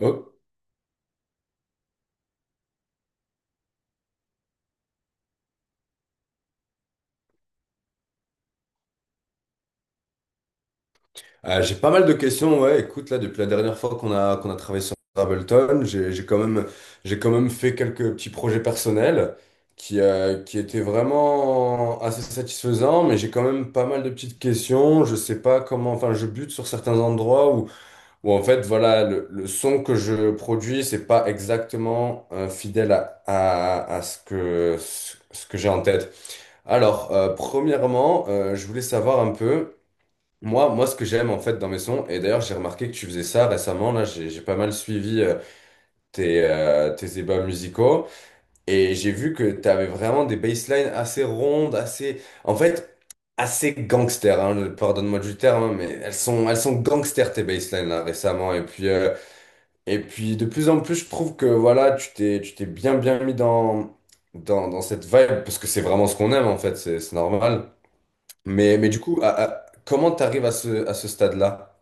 Oh. J'ai pas mal de questions, ouais. Écoute, là, depuis la dernière fois qu'on a travaillé sur Ableton, j'ai quand même fait quelques petits projets personnels qui étaient vraiment assez satisfaisants, mais j'ai quand même pas mal de petites questions. Je sais pas comment, enfin, je bute sur certains endroits où en fait, voilà, le son que je produis, c'est pas exactement fidèle à ce que, ce que j'ai en tête. Alors, premièrement, je voulais savoir un peu. Moi, ce que j'aime en fait dans mes sons, et d'ailleurs j'ai remarqué que tu faisais ça récemment, là j'ai pas mal suivi tes débats musicaux, et j'ai vu que tu avais vraiment des basslines assez rondes, assez, en fait, assez gangster, hein, pardonne-moi du terme, hein, mais elles sont gangster tes basslines là récemment, et puis de plus en plus je trouve que voilà, tu t'es bien bien mis dans cette vibe, parce que c'est vraiment ce qu'on aime en fait, c'est normal. Mais du coup, comment t'arrives à ce stade-là?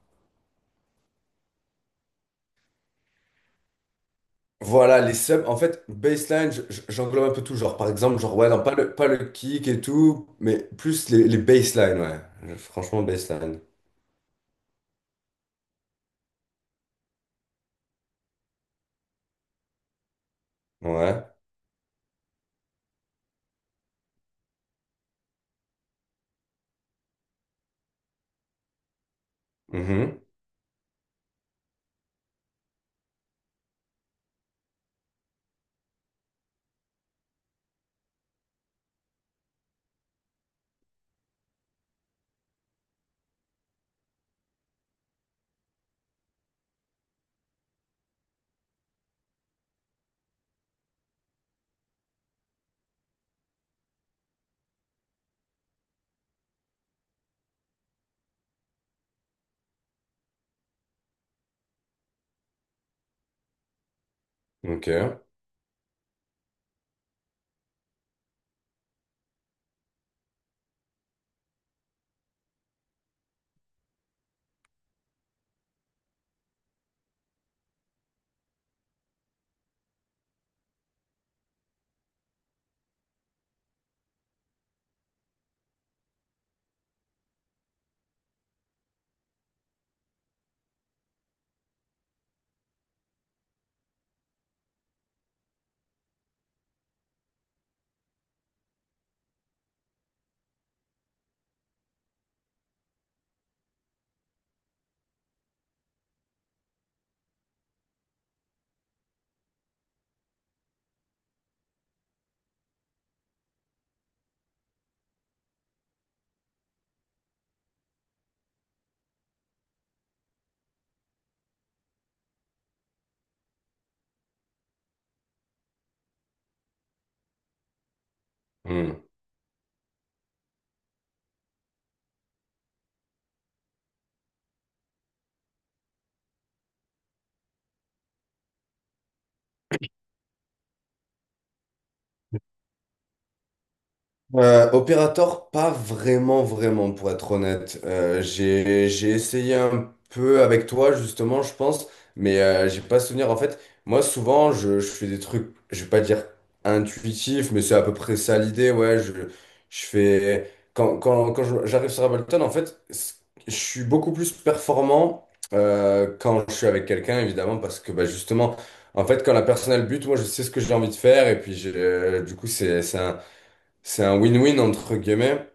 Voilà, les subs, en fait, baseline, j'englobe un peu tout, genre, par exemple, genre, ouais, non, pas le kick et tout, mais plus les baselines, ouais. Franchement, baseline. Ouais. Mhm. Ok. Mm. Opérateur, pas vraiment, vraiment, pour être honnête. J'ai essayé un peu avec toi, justement, je pense, mais j'ai pas souvenir. En fait, moi, souvent, je fais des trucs, je vais pas dire intuitifs, mais c'est à peu près ça l'idée, ouais. Je fais. J'arrive sur Ableton, en fait, je suis beaucoup plus performant quand je suis avec quelqu'un, évidemment, parce que, bah, justement, en fait, quand la personne a le but, moi, je sais ce que j'ai envie de faire, et puis, du coup, c'est un. C'est un win-win entre guillemets,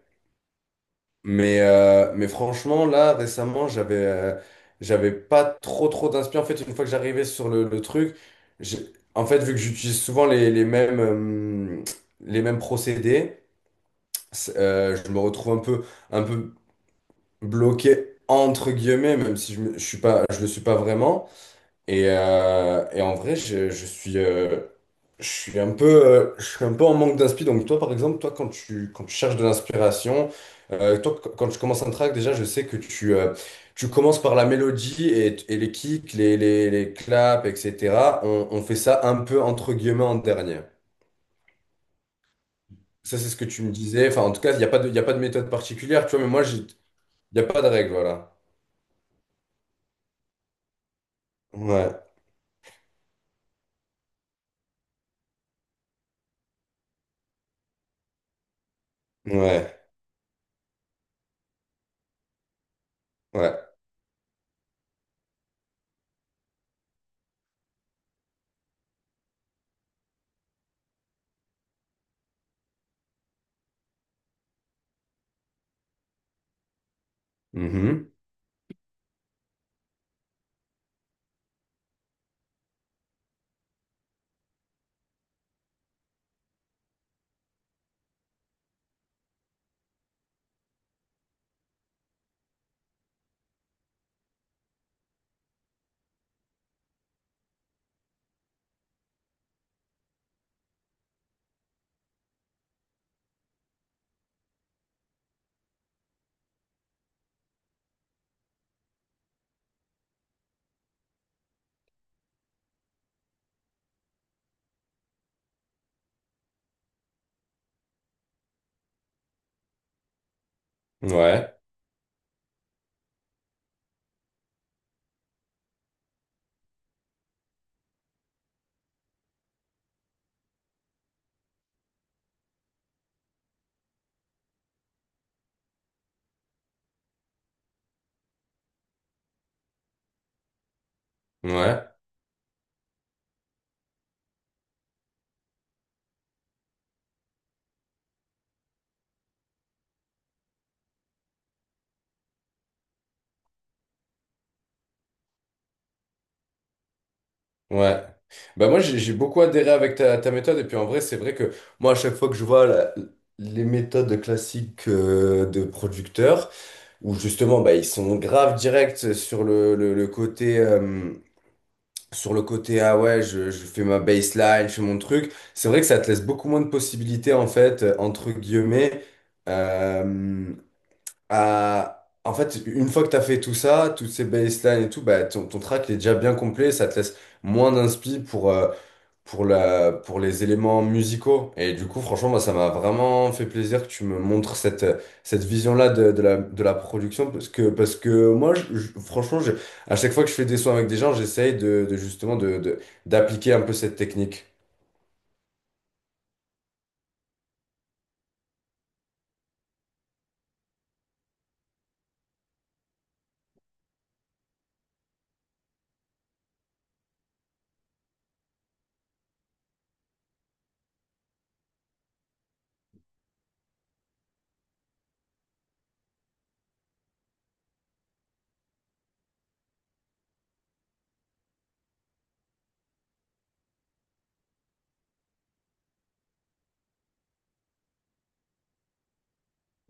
mais franchement, là, récemment, j'avais pas trop trop d'inspiration. En fait, une fois que j'arrivais sur le truc, j'ai- en fait, vu que j'utilise souvent les mêmes procédés, je me retrouve un peu bloqué entre guillemets, même si je suis pas, je le suis pas vraiment. Et en vrai, je suis un peu, je suis un peu en manque d'inspi. Donc toi, par exemple, toi, quand quand tu cherches de l'inspiration, toi, quand tu commences un track, déjà, je sais que tu commences par la mélodie et les kicks, les claps, etc. On fait ça un peu entre guillemets en dernier. Ça, c'est ce que tu me disais. Enfin, en tout cas, il y a pas de méthode particulière, tu vois. Mais moi, il n'y a pas de règle, voilà. Ouais, ouais, ouais. Mhm. Ouais, ouais. Ouais. Bah moi j'ai beaucoup adhéré avec ta méthode et puis en vrai c'est vrai que moi à chaque fois que je vois les méthodes classiques de producteurs où justement bah ils sont grave directs sur le côté sur le côté ah ouais je fais ma baseline, je fais mon truc, c'est vrai que ça te laisse beaucoup moins de possibilités en fait entre guillemets euh, à en fait une fois que t'as fait tout ça, toutes ces baselines et tout bah ton track il est déjà bien complet, ça te laisse moins d'inspi pour pour les éléments musicaux. Et du coup, franchement, moi, ça m'a vraiment fait plaisir que tu me montres cette vision-là de de la production. Parce que moi, franchement, à chaque fois que je fais des sons avec des gens, j'essaye de justement d'appliquer un peu cette technique.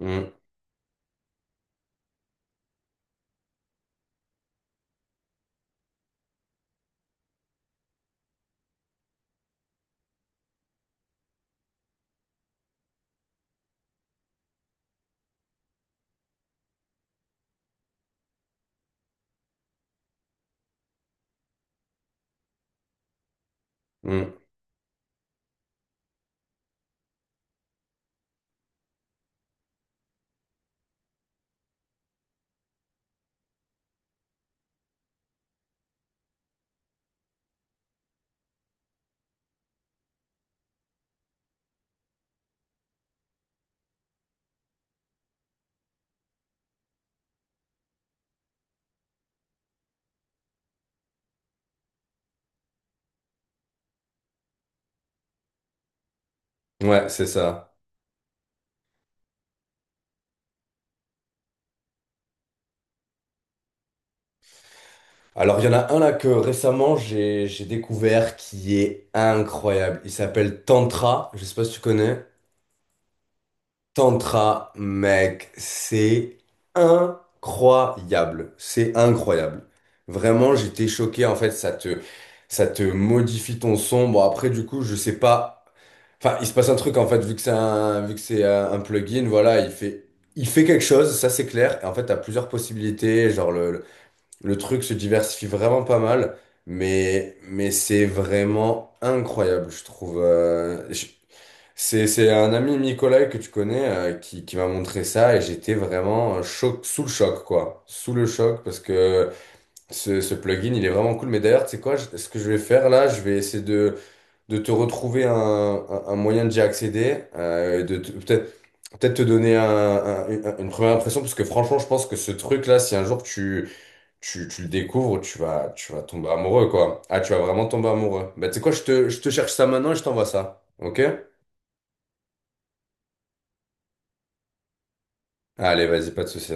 Mm, mm. Ouais, c'est ça. Alors, il y en a un là que récemment j'ai découvert qui est incroyable. Il s'appelle Tantra. Je sais pas si tu connais. Tantra, mec, c'est incroyable. C'est incroyable. Vraiment, j'étais choqué. En fait, ça te modifie ton son. Bon, après, du coup, je sais pas. Enfin, il se passe un truc, en fait, vu que c'est un plugin, voilà, il fait quelque chose, ça c'est clair. Et en fait, t'as plusieurs possibilités. Genre, le truc se diversifie vraiment pas mal. Mais c'est vraiment incroyable, je trouve. C'est un ami Nicolas que tu connais qui m'a montré ça et j'étais vraiment choc, sous le choc, quoi. Sous le choc parce que ce plugin, il est vraiment cool. Mais d'ailleurs, tu sais quoi, ce que je vais faire là, je vais essayer de te retrouver un moyen d'y accéder, de peut-être peut-être te donner une première impression parce que franchement, je pense que ce truc-là, si un jour tu le découvres, tu vas tomber amoureux, quoi. Ah, tu vas vraiment tomber amoureux. Bah, tu sais quoi, je te cherche ça maintenant et je t'envoie ça. Ok? Allez, vas-y, pas de souci.